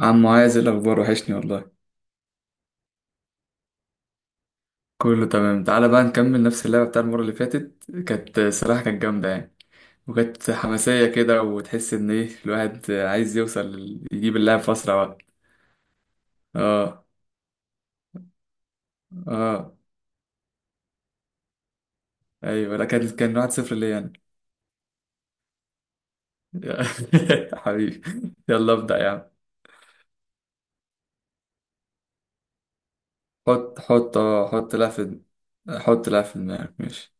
عم معاذ، إيه الاخبار؟ وحشني والله. كله تمام. تعالى بقى نكمل نفس اللعبه بتاع المره اللي فاتت، كانت صراحه كانت جامده يعني. وكانت حماسيه كده، وتحس ان ايه الواحد عايز يجيب اللعب في اسرع وقت. اه اه ايوه. لا كان 1-0 ليا. انا حبيبي. يلا ابدا يا عم. حط حط اه حط لعب في حط لعب في دماغك ماشي.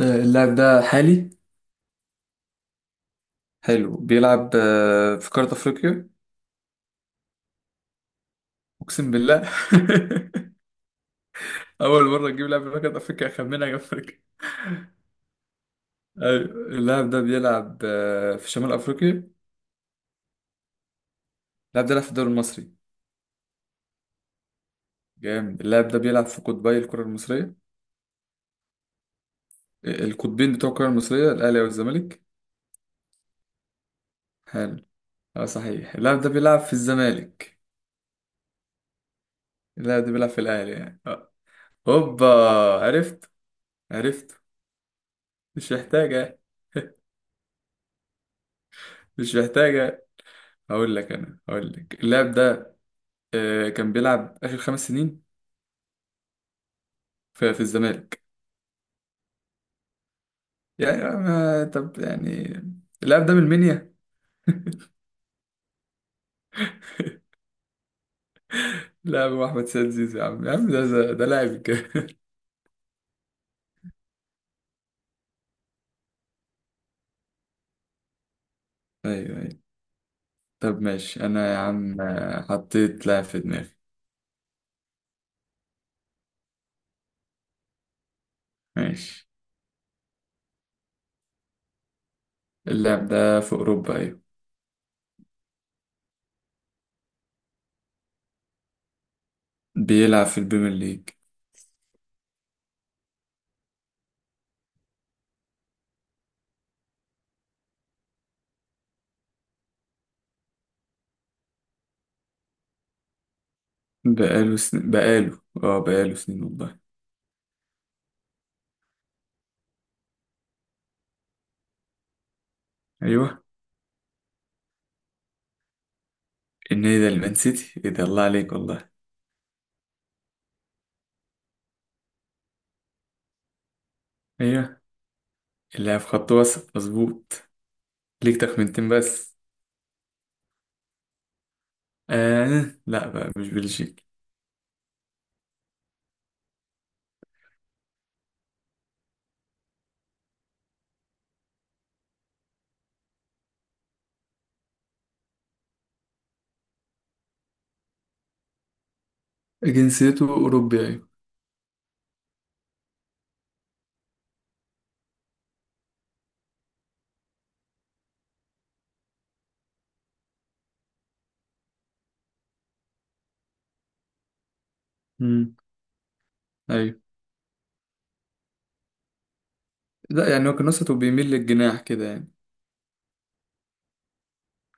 اللاعب ده حالي. حلو. بيلعب في قاره افريقيا. اقسم بالله. أول مرة تجيب لاعب من مجنوب أفريقيا. أخمنها جنب أفريقيا. أيوة. اللاعب ده بيلعب في شمال أفريقيا. اللاعب ده بيلعب في الدوري المصري. جامد. اللاعب ده بيلعب في قطبي الكرة المصرية. القطبين بتوع الكرة المصرية الأهلي والزمالك. حلو. صحيح. اللاعب ده بيلعب في الزمالك. اللاعب ده بيلعب في الأهلي يعني. هوبا. عرفت عرفت. مش محتاجة. مش محتاجة. هقول لك أنا، هقول لك اللاعب ده كان بيلعب آخر 5 سنين في الزمالك. يعني ما طب يعني، اللاعب ده من المنيا. لاعب هو احمد سيد زيزو يا عم، يا عم ده لاعب كده ايوه ايوه. طب ماشي انا يا عم، حطيت لاعب في دماغي. ماشي. اللاعب ده في اوروبا ايوه. بيلعب في البريمير ليج. بقاله سن... بقاله اه بقاله سنين والله. ايوه. النادي ده المان سيتي، ايه ده! الله عليك والله. ايوه. اللاعب خط وسط مظبوط. ليك تخمنتين بس. آه لا بقى، مش بلجيكي. جنسيته اوروبي ايوه. امم ايوه. لا يعني هو كان وسط وبيميل للجناح كده يعني.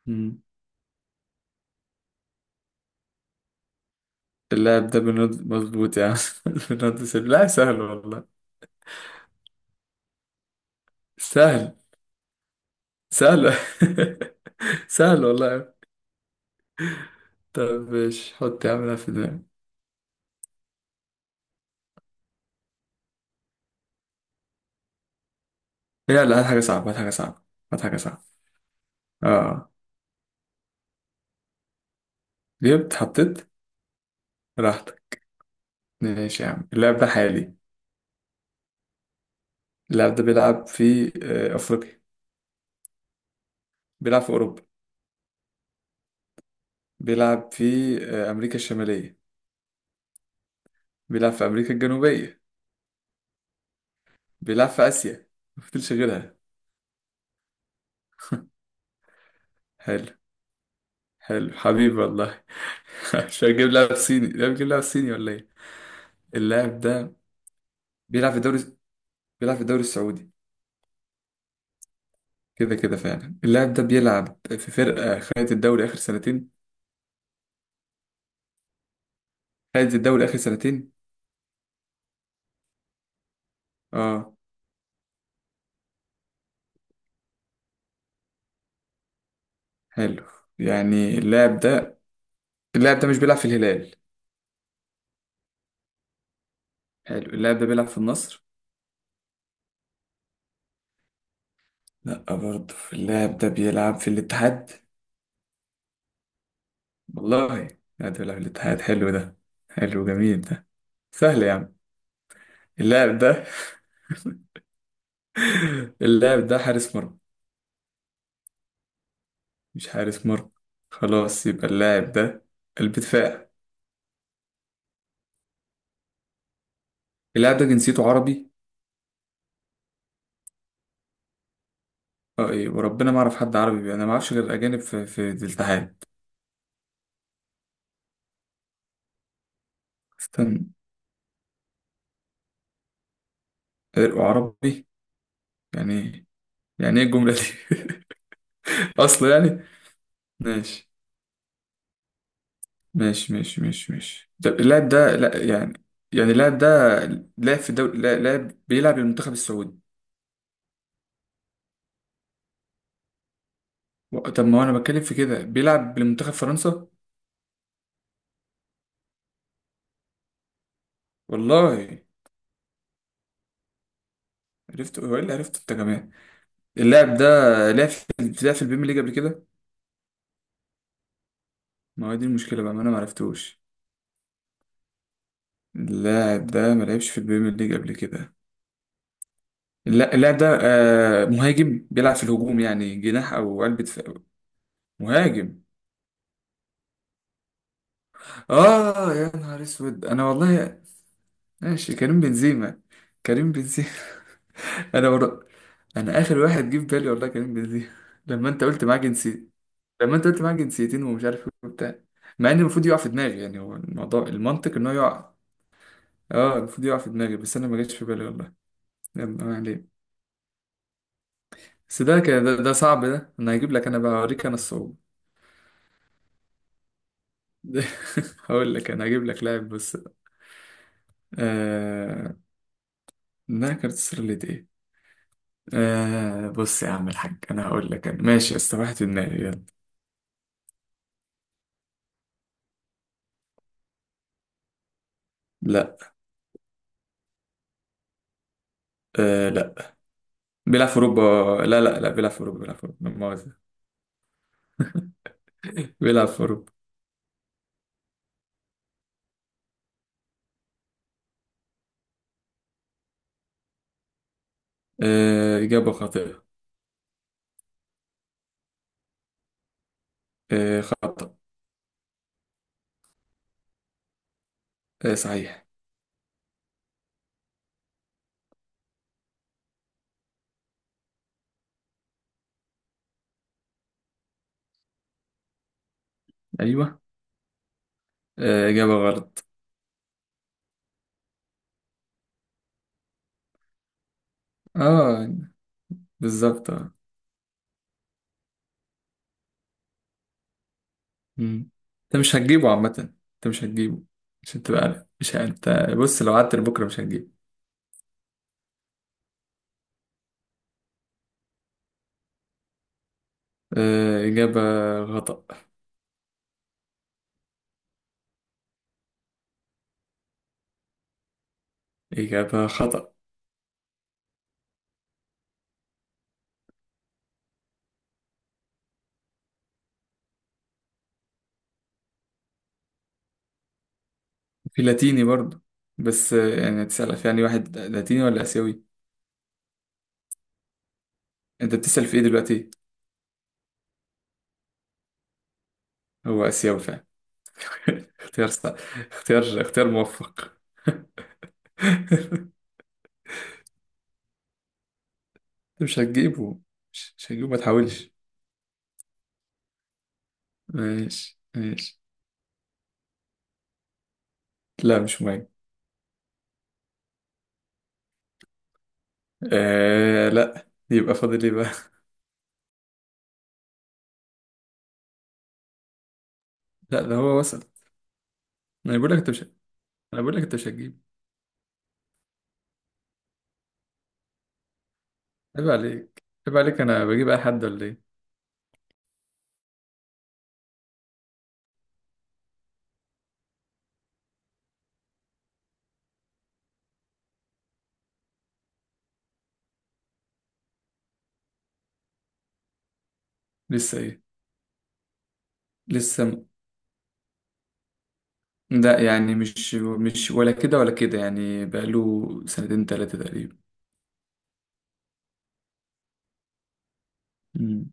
مم. اللاعب ده بنض مظبوط يعني بنض سهل؟ لا سهل والله. سهل. سهل سهل والله. طب مش حط يا عم ده في دماغك. يلا، هات حاجة صعبة، هات حاجة صعبة، هات حاجة صعبة. اه. جبت حطيت. راحتك. ماشي يا عم. اللاعب ده حالي. اللاعب ده بيلعب في أفريقيا. بيلعب في أوروبا. بيلعب في أمريكا الشمالية. بيلعب في أمريكا الجنوبية. بيلعب في آسيا. مفتلش غيرها. حلو. حلو حبيبي والله مش هجيب لاعب صيني؟ لا، بجيب لاعب صيني ولا ايه. اللاعب ده بيلعب في الدوري بيلعب في الدوري السعودي. كده كده فعلا. اللاعب ده بيلعب في فرقة خدت الدوري آخر سنتين. خدت الدوري آخر سنتين. اه حلو. يعني اللاعب ده مش بيلعب في الهلال. حلو. اللاعب ده بيلعب في النصر. لا برضه. اللاعب ده بيلعب في الاتحاد والله. اللاعب ده بيلعب في الاتحاد حلو ده. حلو جميل ده. سهل يا عم. اللاعب ده اللاعب ده حارس مرمى. مش حارس مرمى. خلاص يبقى اللاعب ده قلب دفاع. اللاعب ده جنسيته عربي. اه ايه وربنا ما اعرف حد عربي، انا ما اعرفش غير اجانب في الاتحاد. استنى. عرقه عربي، يعني ايه؟ يعني ايه الجمله دي؟ اصلا يعني. ماشي ماشي ماشي ماشي ماشي طب. اللاعب ده لا يعني، يعني اللاعب ده لاعب في الدوري لا- لاعب بيلعب للمنتخب السعودي. طب ما هو انا بتكلم في كده بيلعب لمنتخب فرنسا. والله. عرفت. هو ايه اللي عرفته انت كمان؟ اللاعب ده لعب في لعب في البيم ليج قبل كده. ما هو دي المشكله بقى، ما انا ما عرفتوش. اللاعب ده ما لعبش في البيم ليج قبل كده. اللاعب ده مهاجم، بيلعب في الهجوم يعني، جناح او قلب دفاع. مهاجم. اه يا نهار اسود انا والله. ماشي. كريم بنزيما. كريم بنزيما انا ور... انا اخر واحد جه في بالي والله كريم بنزيما لما انت قلت معاه جنسي لما انت قلت معاه جنسيتين ومش عارف ايه وبتاع، مع ان المفروض يقع في دماغي يعني. هو الموضوع المنطق ان هو يقع. اه المفروض يقع في دماغي، بس انا ما جاتش في بالي والله. يلا ما عليه. بس ده كان ده صعب ده، انا هجيب لك انا بقى اوريك انا الصعوبة هقول لك انا، هجيب لك لاعب، بص. آه انها كانت سرلت ايه. بص يا عم الحاج، انا هقول لك انا. ماشي يا اسطى، واحد في دماغي يلا. لا. لا، بيلعب في اوروبا. لا لا لا، بيلعب في اوروبا، بيلعب في اوروبا لا مؤاخذة. بيلعب في اوروبا. اجابة خاطئة. خطأ. صحيح. ايوه. اجابة غلط. اه بالظبط. مم. انت مش هتجيبه عامة، انت مش هتجيبه، عشان تبقى عارف مش ه- انت بص، لو قعدت لبكرة مش هتجيبه. إجابة خطأ. إجابة خطأ. في لاتيني برضو. بس يعني تسأل في يعني واحد لاتيني ولا آسيوي. انت بتسأل في ايه دلوقتي؟ هو آسيوي فعلا اختيار صح. اختيار موفق مش هتجيبه. مش هتجيبه، ما تحاولش. ماشي ماشي. لا مش مهم. لا، يبقى فاضل ايه بقى؟ لا ده هو وصل. انا بقول لك انت مش انا بقول لك انت مش هتجيب. عيب عليك عيب عليك. انا بجيب اي حد ولا ايه؟ لسه ايه؟ لسه م... لا يعني مش ولا كده ولا كده يعني، بقاله سنتين ثلاثة تقريبا. مم.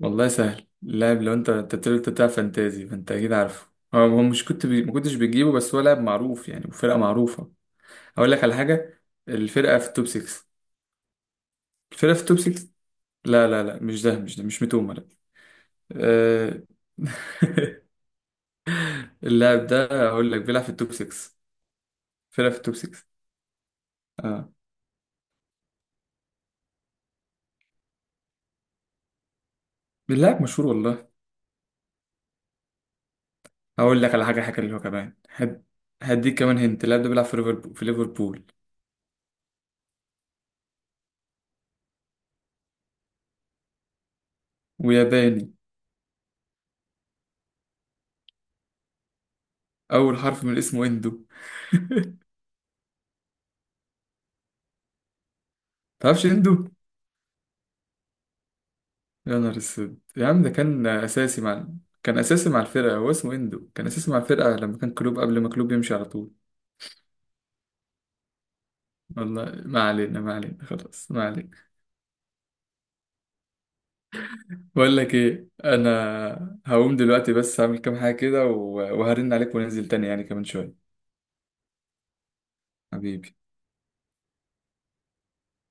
والله سهل اللاعب، لو انت بتقول انت بتلعب فانتازي فانت اكيد عارفه. هو مش ما كنتش بتجيبه، بس هو لاعب معروف يعني وفرقة معروفة. اقول لك على حاجة. الفرقة في التوب 6. الفرقة في التوب 6. لا لا لا مش ده، مش ده، مش متومة لا. أه... اللاعب ده هقول لك بيلعب في التوب 6. فرقة في التوب 6. اللاعب مشهور والله. هقول لك على حاجة حلوة كمان. هديك كمان، هنت اللاعب ده بيلعب في ليفربول وياباني. أول حرف من اسمه إندو. تعرفش إندو؟ يا نهار أسود يا عم، ده كان أساسي مع. كان أساسي مع الفرقة، هو اسمه إندو، كان أساسي مع الفرقة لما كان كلوب، قبل ما كلوب يمشي على طول. والله ما علينا، ما علينا، خلاص ما علينا. بقول لك إيه، أنا هقوم دلوقتي، بس هعمل كام حاجة كده و... وهرن عليك وننزل تاني يعني كمان شوية. حبيبي.